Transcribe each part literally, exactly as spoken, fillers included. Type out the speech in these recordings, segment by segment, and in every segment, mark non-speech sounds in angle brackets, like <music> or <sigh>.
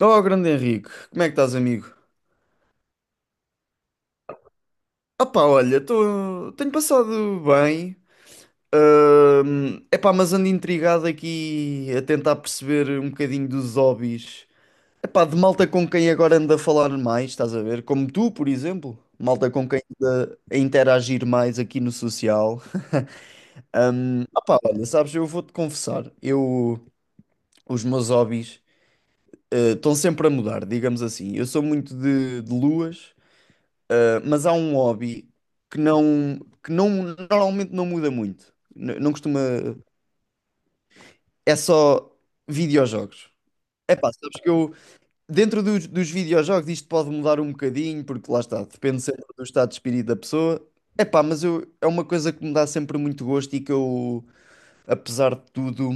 Oh, grande Henrique, como é que estás, amigo? Ah pá, olha, tô... tenho passado bem. É epá, mas ando intrigado aqui a tentar perceber um bocadinho dos hobbies. Epá, de malta com quem agora ando a falar mais, estás a ver? Como tu, por exemplo. Malta com quem ando a interagir mais aqui no social. Hum, ah pá, olha, sabes, eu vou-te confessar. Eu, os meus hobbies, eh, estão sempre a mudar, digamos assim. Eu sou muito de de luas. Uh, mas há um hobby que não, que não, normalmente não muda muito. N- Não costuma. É só videojogos. É pá, sabes que eu, dentro dos, dos videojogos, isto pode mudar um bocadinho, porque lá está, depende sempre do estado de espírito da pessoa. É pá, mas eu, é uma coisa que me dá sempre muito gosto e que eu, apesar de tudo,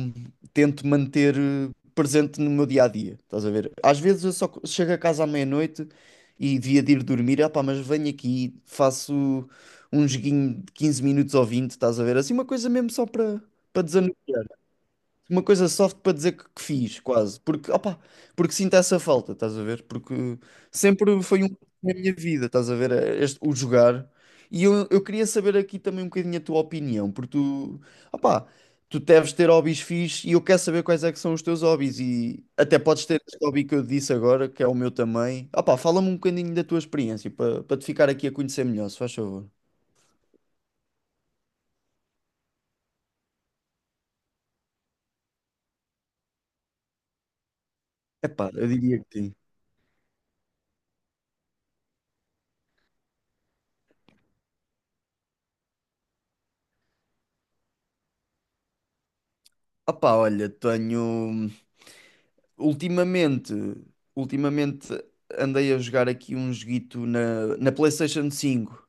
tento manter eh, presente no meu dia a dia. Estás a ver? Às vezes eu só co- chego a casa à meia-noite e devia de ir dormir, ah pá, mas venho aqui, faço um joguinho de quinze minutos ou vinte, estás a ver? Assim, uma coisa mesmo só para para desanuviar, uma coisa soft para dizer que, que fiz, quase. Porque, opa, porque sinto essa falta, estás a ver? Porque sempre foi um na minha vida, estás a ver? É este- o jogar. E eu, eu queria saber aqui também um bocadinho a tua opinião, porque tu, opa, tu deves ter hobbies fixes e eu quero saber quais é que são os teus hobbies. E até podes ter este hobby que eu disse agora, que é o meu também. Opa, fala-me um bocadinho da tua experiência, para, para te ficar aqui a conhecer melhor, se faz favor. Epá, eu diria que sim. Opá, olha, tenho. Ultimamente, ultimamente andei a jogar aqui um joguito na, na PlayStation cinco.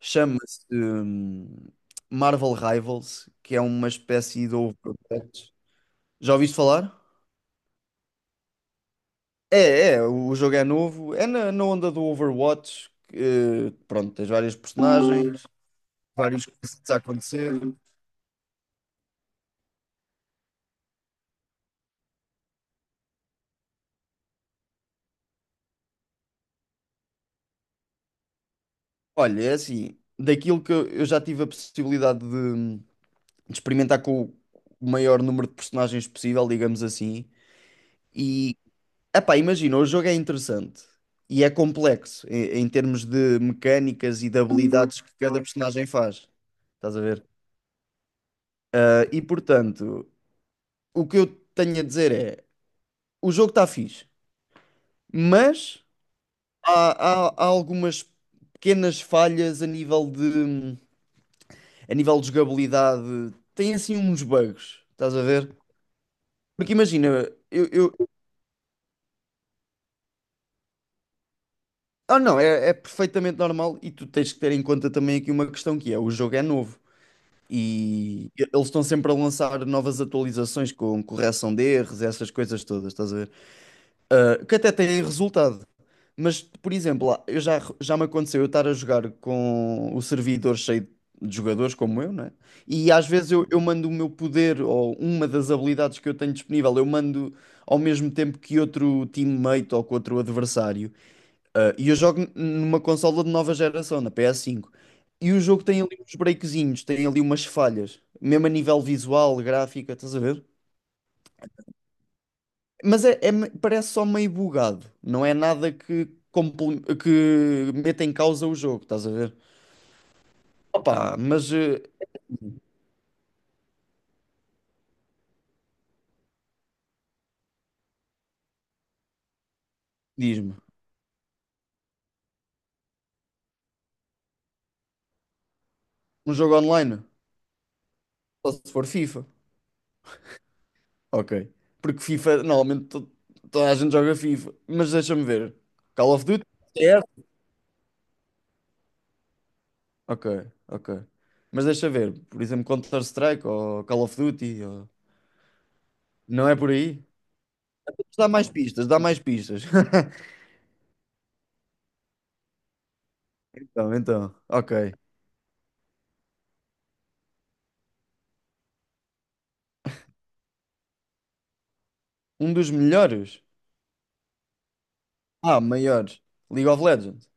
Chama-se, hum, Marvel Rivals, que é uma espécie de Overwatch. Já ouviste falar? É, é, o jogo é novo. É na, na onda do Overwatch, que, pronto, tens vários personagens, vários coisas a acontecer. Olha, é assim, daquilo que eu eu já tive a possibilidade de, de experimentar com o maior número de personagens possível, digamos assim, e epá, imagina, o jogo é interessante e é complexo em, em termos de mecânicas e de habilidades que cada personagem faz. Estás a ver? Ah, e portanto, o que eu tenho a dizer é: o jogo está fixe, mas há, há- há algumas pequenas falhas a nível de, a nível de jogabilidade. Tem assim uns bugs, estás a ver? Porque imagina, eu, eu- ah, não, é, é perfeitamente normal e tu tens que ter em conta também aqui uma questão que é: o jogo é novo. E eles estão sempre a lançar novas atualizações com correção de erros, essas coisas todas, estás a ver? Ah, que até têm resultado. Mas, por exemplo, lá, eu já, já me aconteceu eu estar a jogar com o servidor cheio de jogadores como eu, né? E às vezes eu, eu mando o meu poder ou uma das habilidades que eu tenho disponível, eu mando ao mesmo tempo que outro teammate ou que outro adversário. Ah, e eu jogo numa consola de nova geração, na P S cinco. E o jogo tem ali uns breakzinhos, tem ali umas falhas, mesmo a nível visual, gráfica, estás a ver? Mas é, é me- parece só meio bugado, não é nada que, comple- que meta em causa o jogo, estás a ver? Opa, mas eh, diz-me, um jogo online? Só se for FIFA. Ok. Porque FIFA, normalmente to- toda a gente joga FIFA, mas deixa-me ver. Call of Duty? Ok, ok. Mas deixa ver, por exemplo, Counter-Strike ou Call of Duty, ou- não é por aí? Dá mais pistas, dá mais pistas. <laughs> Então, então, ok. Um dos melhores? Ah, maiores. League of Legends.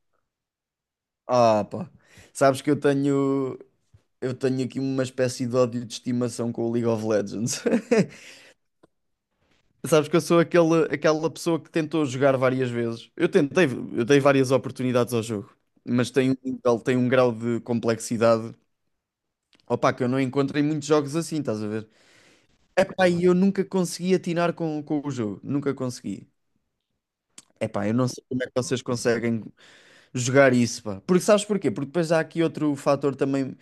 Ah, pá. Sabes que eu tenho, eu tenho aqui uma espécie de ódio de estimação com o League of Legends. <laughs> Sabes que eu sou aquele, aquela pessoa que tentou jogar várias vezes. Eu tentei, eu dei várias oportunidades ao jogo, mas tem um nível, tem um grau de complexidade. Opa, que eu não encontrei muitos jogos assim, estás a ver? Epá, e eu nunca consegui atinar com, com o jogo. Nunca consegui. Epá, eu não sei como é que vocês conseguem jogar isso, pá. Porque sabes porquê? Porque depois há aqui outro fator também,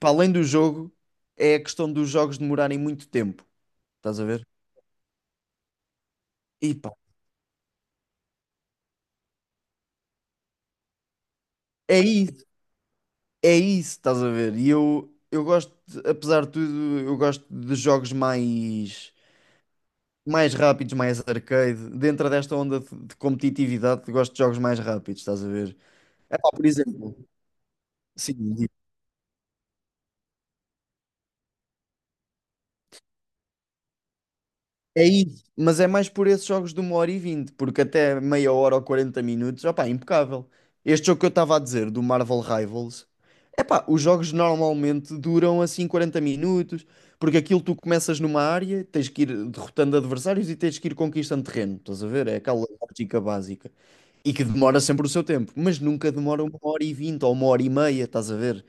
para além do jogo, é a questão dos jogos demorarem muito tempo, estás a ver? E pá, é isso, é isso, estás a ver? E eu, eu gosto, de- apesar de tudo, eu gosto de jogos mais, mais rápidos, mais arcade. Dentro desta onda de de competitividade, gosto de jogos mais rápidos, estás a ver? Pá, por exemplo, sim, é isso, mas é mais por esses jogos de uma hora e vinte, porque até meia hora ou quarenta minutos, opá, é impecável. Este jogo que eu estava a dizer, do Marvel Rivals, é pá, os jogos normalmente duram assim quarenta minutos, porque aquilo tu começas numa área, tens que ir derrotando adversários e tens que ir conquistando terreno, estás a ver? É aquela lógica básica. E que demora sempre o seu tempo, mas nunca demora uma hora e vinte ou uma hora e meia, estás a ver?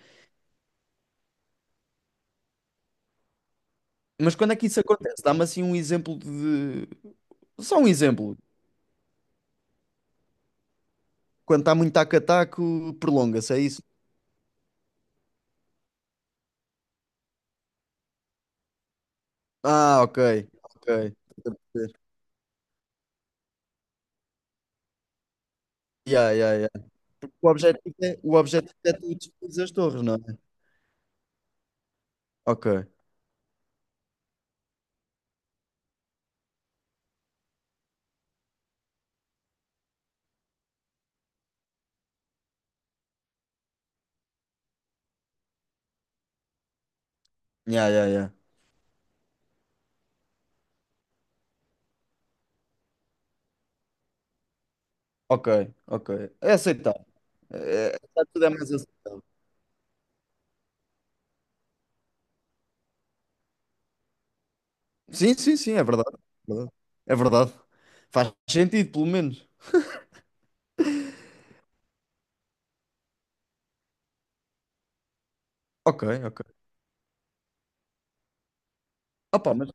Mas quando é que isso acontece? Dá-me assim um exemplo de. Só um exemplo. Quando está muito taco-taco, prolonga-se, é isso? Ah, ok, ok. Estou a perceber. Yeah, yeah, yeah. O objetivo é, o objetivo é tu destruir as torres, não é? Ok. Yeah, yeah, yeah. Ok, ok. É aceitável. É, é- tudo é mais aceitável. Sim, sim, sim, é verdade. É verdade. É verdade. Faz sentido, pelo menos. Ok, ok. Opa, mas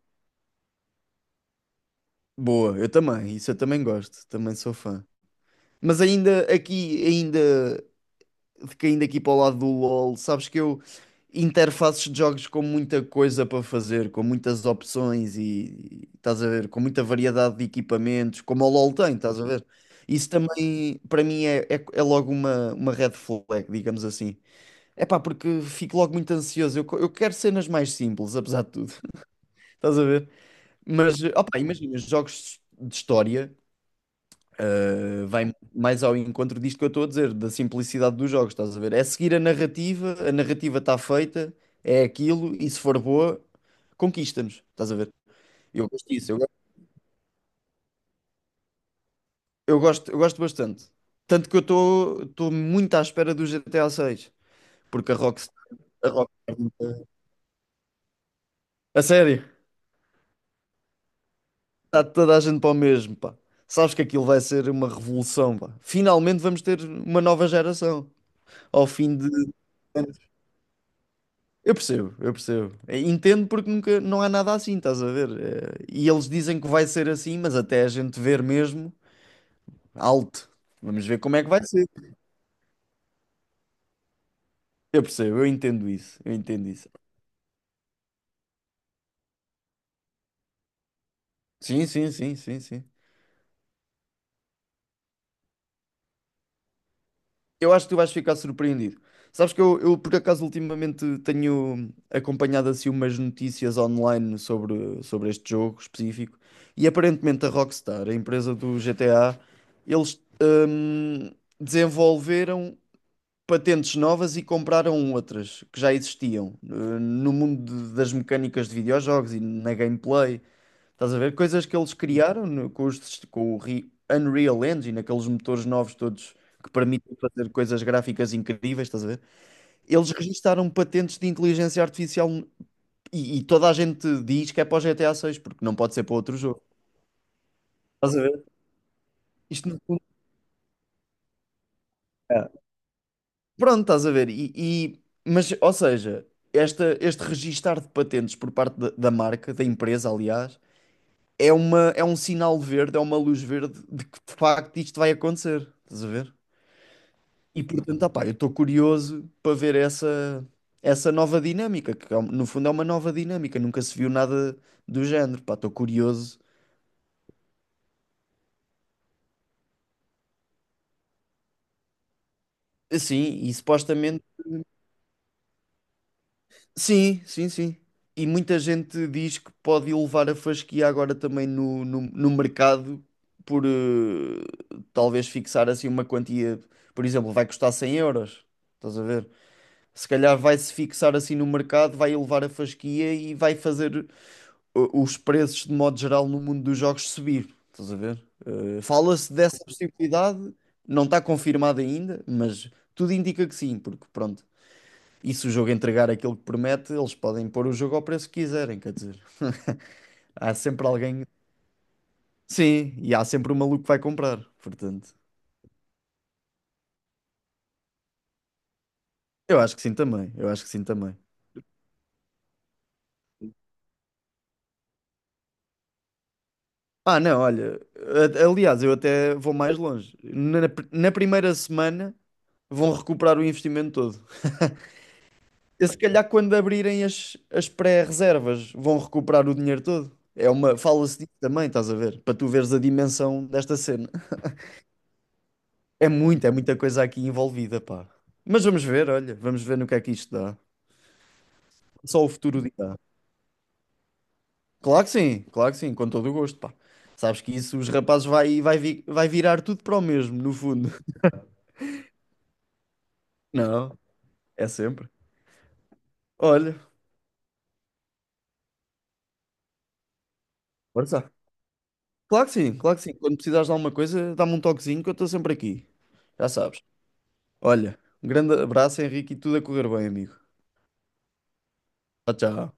boa, eu também, isso eu também gosto, também sou fã. Mas ainda aqui, ainda caindo aqui para o lado do LOL, sabes que eu interfaces de jogos com muita coisa para fazer, com muitas opções e e estás a ver, com muita variedade de equipamentos, como o LOL tem, estás a ver? Isso também, para mim, é, é, é logo uma, uma red flag, digamos assim. É pá, porque fico logo muito ansioso. Eu, co- eu quero cenas mais simples, apesar de tudo. <laughs> Estás a ver? Mas, opá, imagina, jogos de história. Uh, vai mais ao encontro disto que eu estou a dizer, da simplicidade dos jogos, estás a ver? É seguir a narrativa, a narrativa está feita, é aquilo, e se for boa, conquista-nos, estás a ver? Eu gosto disso, eu, go- eu gosto, eu gosto bastante. Tanto que eu estou estou muito à espera do G T A seis, porque a Rockstar, a Rockstar, a sério, está toda a gente para o mesmo, pá. Sabes que aquilo vai ser uma revolução, pá. Finalmente vamos ter uma nova geração, ao fim de. Eu percebo, eu percebo. Eh, Entendo porque nunca não há nada assim, estás a ver? Eh, E eles dizem que vai ser assim, mas até a gente ver mesmo, alto. Vamos ver como é que vai ser. Eu percebo, eu entendo isso, eu entendo isso. Sim, sim, sim, sim, sim. Eu acho que tu vais ficar surpreendido. Sabes que eu, eu, por acaso ultimamente tenho acompanhado assim umas notícias online sobre, sobre este jogo específico e aparentemente a Rockstar, a empresa do G T A, eles hum, desenvolveram patentes novas e compraram outras que já existiam eh, no mundo de- das mecânicas de videojogos e na gameplay. Estás a ver? Coisas que eles criaram no- com, os sis- com o Re- Unreal Engine, aqueles motores novos todos que permitem fazer coisas gráficas incríveis, estás a ver? Eles registaram patentes de inteligência artificial e, e toda a gente diz que é para o G T A seis, porque não pode ser para outro jogo. Estás a ver? Isto no fundo. É. Pronto, estás a ver. E, e- mas, ou seja, esta, este registar de patentes por parte da, da marca, da empresa, aliás, é uma, é um sinal verde, é uma luz verde de que de facto isto vai acontecer. Estás a ver? E portanto, opá, eu estou curioso para ver essa, essa nova dinâmica, que é um- no fundo é uma nova dinâmica, nunca se viu nada do género. Pá, estou curioso. Assim, e supostamente. Sim, sim, sim. E muita gente diz que pode elevar a fasquia agora também no, no, no mercado por eh, talvez fixar assim uma quantia, por exemplo, vai custar cem euros. Estás a ver? Se calhar vai-se fixar assim no mercado, vai elevar a fasquia e vai fazer o- os preços de modo geral no mundo dos jogos subir. Estás a ver? Eh, fala-se dessa possibilidade, não está confirmada ainda, mas tudo indica que sim, porque pronto. E se o jogo entregar aquilo que promete, eles podem pôr o jogo ao preço que quiserem, quer dizer. <laughs> Há sempre alguém. Sim, e há sempre um maluco que vai comprar, portanto. Eu acho que sim também, eu acho que sim também. Ah, não, olha, a- aliás, eu até vou mais longe. Na, na primeira semana vão recuperar o investimento todo. E se calhar quando abrirem as, as pré-reservas vão recuperar o dinheiro todo. É uma, fala-se disso também, estás a ver? Para tu veres a dimensão desta cena. É muita, é muita coisa aqui envolvida, pá. Mas vamos ver, olha, vamos ver no que é que isto dá. Só o futuro dirá. Claro que sim, claro que sim, com todo o gosto, pá. Sabes que isso os rapazes vai, vai, vi- vai virar tudo para o mesmo, no fundo. <laughs> Não, é sempre. Olha, força. Claro que sim, claro que sim. Quando precisares de alguma coisa, dá-me um toquezinho que eu estou sempre aqui. Já sabes. Olha, um grande abraço, Henrique, e tudo a correr bem, amigo. Tchau, tchau.